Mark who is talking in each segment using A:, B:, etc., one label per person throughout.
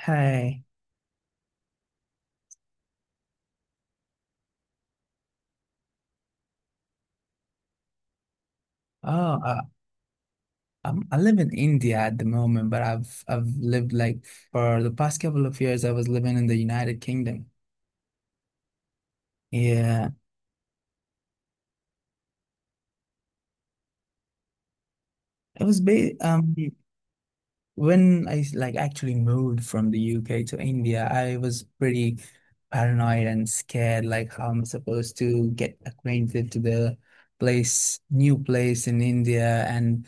A: Hi. Oh, uh, I live in India at the moment, but I've lived like for the past couple of years, I was living in the United Kingdom. Yeah, it was ba when I like actually moved from the UK to India, I was pretty paranoid and scared, like how I'm supposed to get acquainted to the place, new place in India, and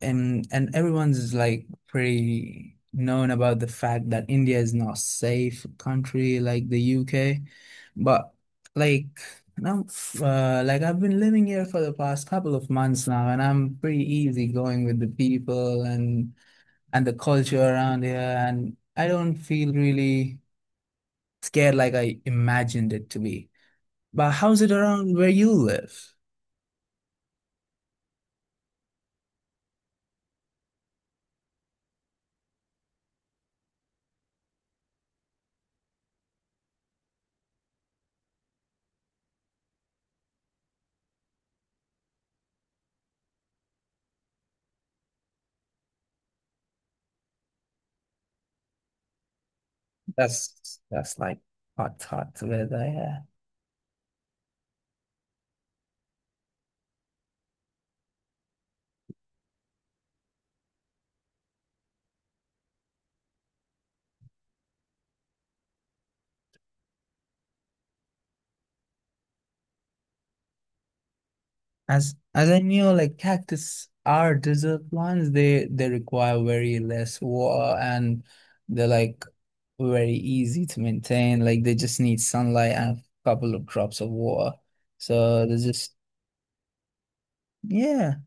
A: and everyone's like pretty known about the fact that India is not safe country like the UK, but like now, like I've been living here for the past couple of months now, and I'm pretty easy going with the people and the culture around here, and I don't feel really scared like I imagined it to be. But how's it around where you live? That's like hot, hot weather, yeah. As I knew, like cactus are desert plants. They require very less water and they're like very easy to maintain. Like they just need sunlight and a couple of drops of water. So they are just yeah,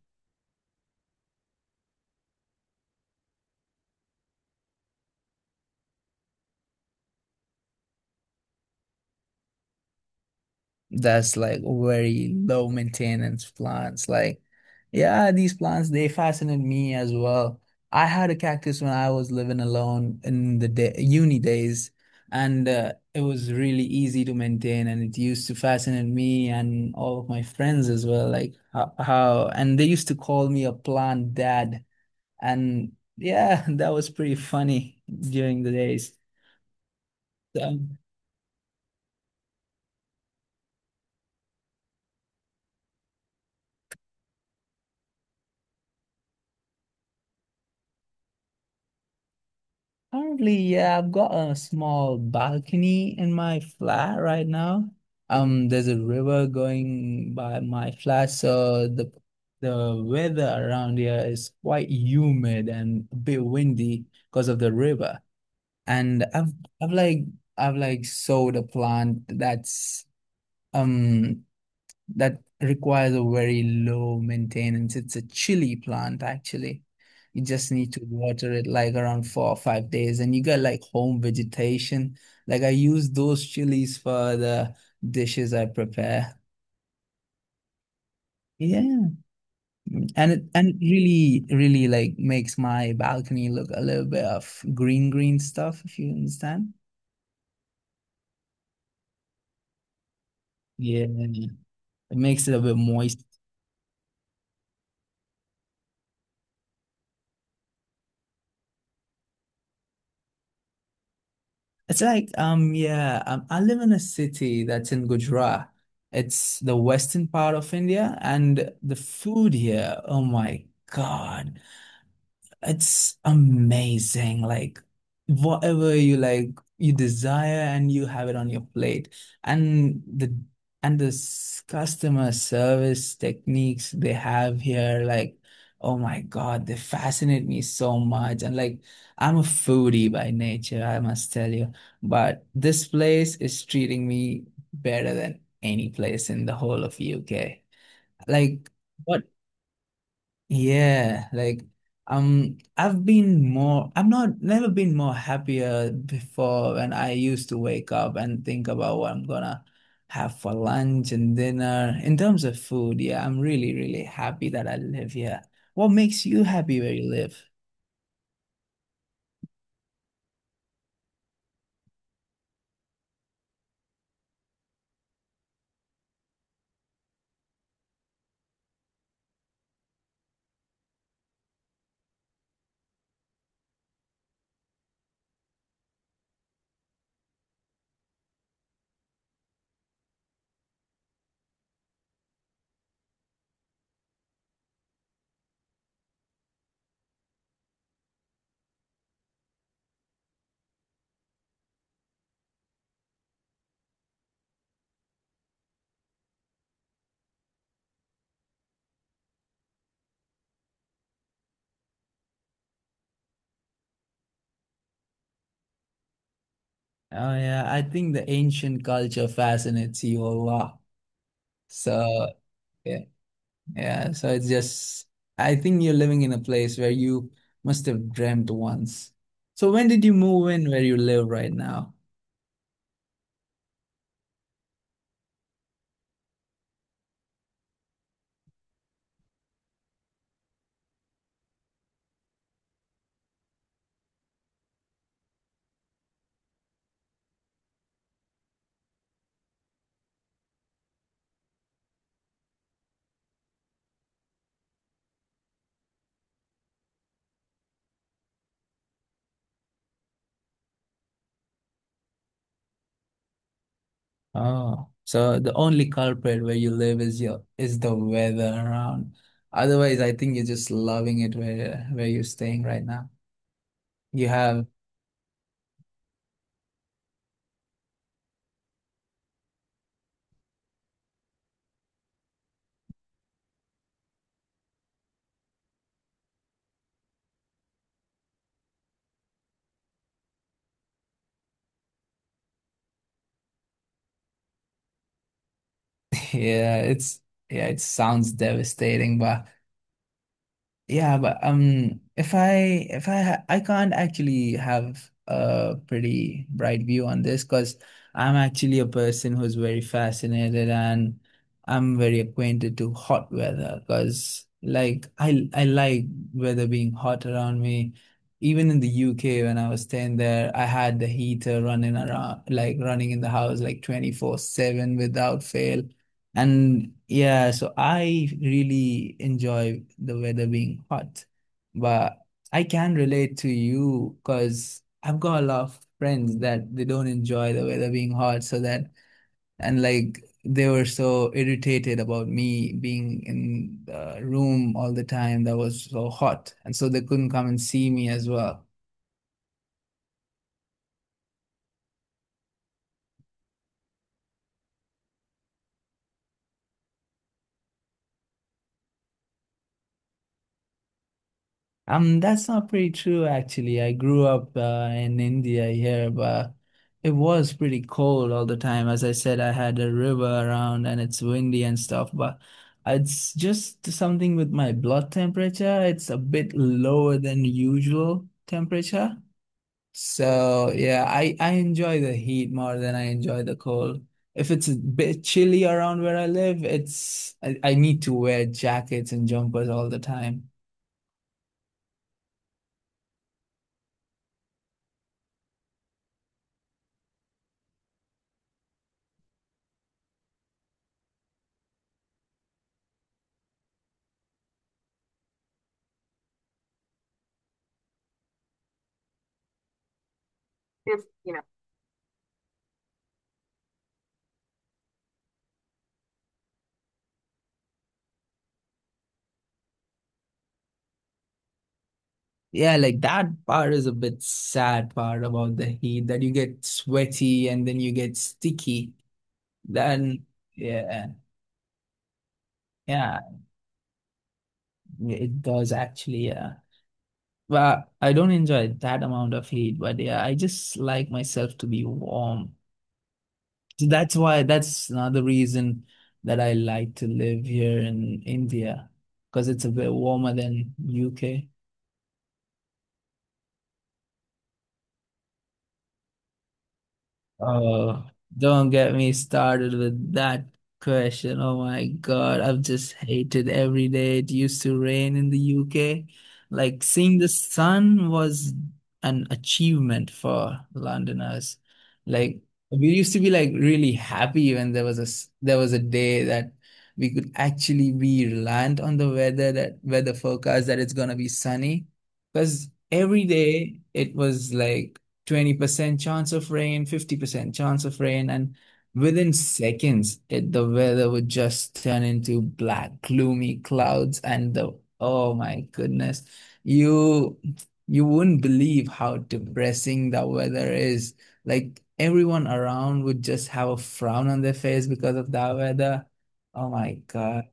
A: that's like very low maintenance plants. Like, yeah, these plants they fascinate me as well. I had a cactus when I was living alone in the day, uni days, and it was really easy to maintain, and it used to fascinate me and all of my friends as well. Like how and they used to call me a plant dad, and yeah, that was pretty funny during the days. So, currently, yeah, I've got a small balcony in my flat right now. There's a river going by my flat, so the weather around here is quite humid and a bit windy because of the river. And I've I've like sowed a plant that's um that requires a very low maintenance. It's a chili plant, actually. You just need to water it like around 4 or 5 days, and you get like home vegetation. Like I use those chilies for the dishes I prepare. Yeah. And it really, really like makes my balcony look a little bit of green, green stuff, if you understand. Yeah. It makes it a bit moist. It's like I live in a city that's in Gujarat. It's the western part of India and the food here, oh my God. It's amazing. Like whatever you like, you desire and you have it on your plate. And the and the customer service techniques they have here, like, oh my God, they fascinate me so much. And like I'm a foodie by nature, I must tell you. But this place is treating me better than any place in the whole of UK. Like what? Yeah, like I'm not never been more happier before when I used to wake up and think about what I'm gonna have for lunch and dinner. In terms of food, yeah, I'm really, really happy that I live here. What makes you happy where you live? Oh yeah, I think the ancient culture fascinates you a lot. So yeah, yeah. I think you're living in a place where you must have dreamt once. So when did you move in where you live right now? Oh, so the only culprit where you live is your is the weather around. Otherwise, I think you're just loving it where you're staying right now. You have, yeah, it's yeah, it sounds devastating, but. Yeah, but if I ha I can't actually have a pretty bright view on this because I'm actually a person who's very fascinated and I'm very acquainted to hot weather because like I like weather being hot around me. Even in the UK when I was staying there, I had the heater running around like running in the house like 24/7 without fail. And yeah, so I really enjoy the weather being hot, but I can relate to you because I've got a lot of friends that they don't enjoy the weather being hot, so that and like they were so irritated about me being in the room all the time that was so hot, and so they couldn't come and see me as well. That's not pretty true, actually. I grew up in India here, but it was pretty cold all the time. As I said, I had a river around and it's windy and stuff, but it's just something with my blood temperature. It's a bit lower than usual temperature. So yeah, I enjoy the heat more than I enjoy the cold. If it's a bit chilly around where I live, it's I need to wear jackets and jumpers all the time. Yeah, like that part is a bit sad part about the heat that you get sweaty and then you get sticky. Then yeah, yeah, it does actually, yeah. But I don't enjoy that amount of heat, but yeah, I just like myself to be warm. So that's why that's another reason that I like to live here in India because it's a bit warmer than UK. Oh, don't get me started with that question. Oh my God, I've just hated every day. It used to rain in the UK. Like seeing the sun was an achievement for Londoners. Like we used to be like really happy when there was a there was a day that we could actually be reliant on the weather forecast that it's gonna be sunny. Because every day it was like 20% chance of rain, 50% chance of rain, and within seconds, the weather would just turn into black, gloomy clouds, and the oh my goodness, you you wouldn't believe how depressing the weather is. Like everyone around would just have a frown on their face because of that weather. Oh my God.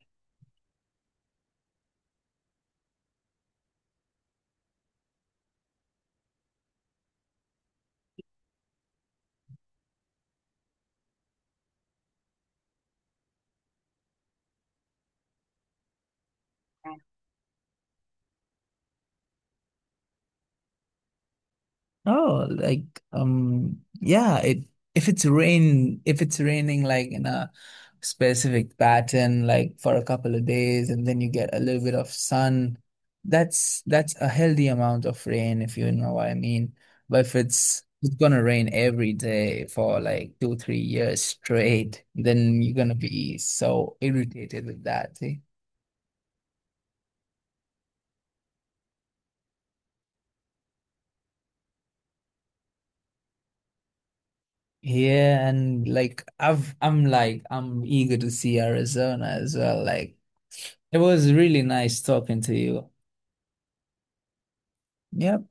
A: Oh, like yeah, it if it's raining like in a specific pattern like for a couple of days and then you get a little bit of sun, that's a healthy amount of rain if you know what I mean. But if it's it's gonna rain every day for like two, 3 years straight, then you're gonna be so irritated with that, see? Yeah, and like I'm eager to see Arizona as well. Like it was really nice talking to you. Yep.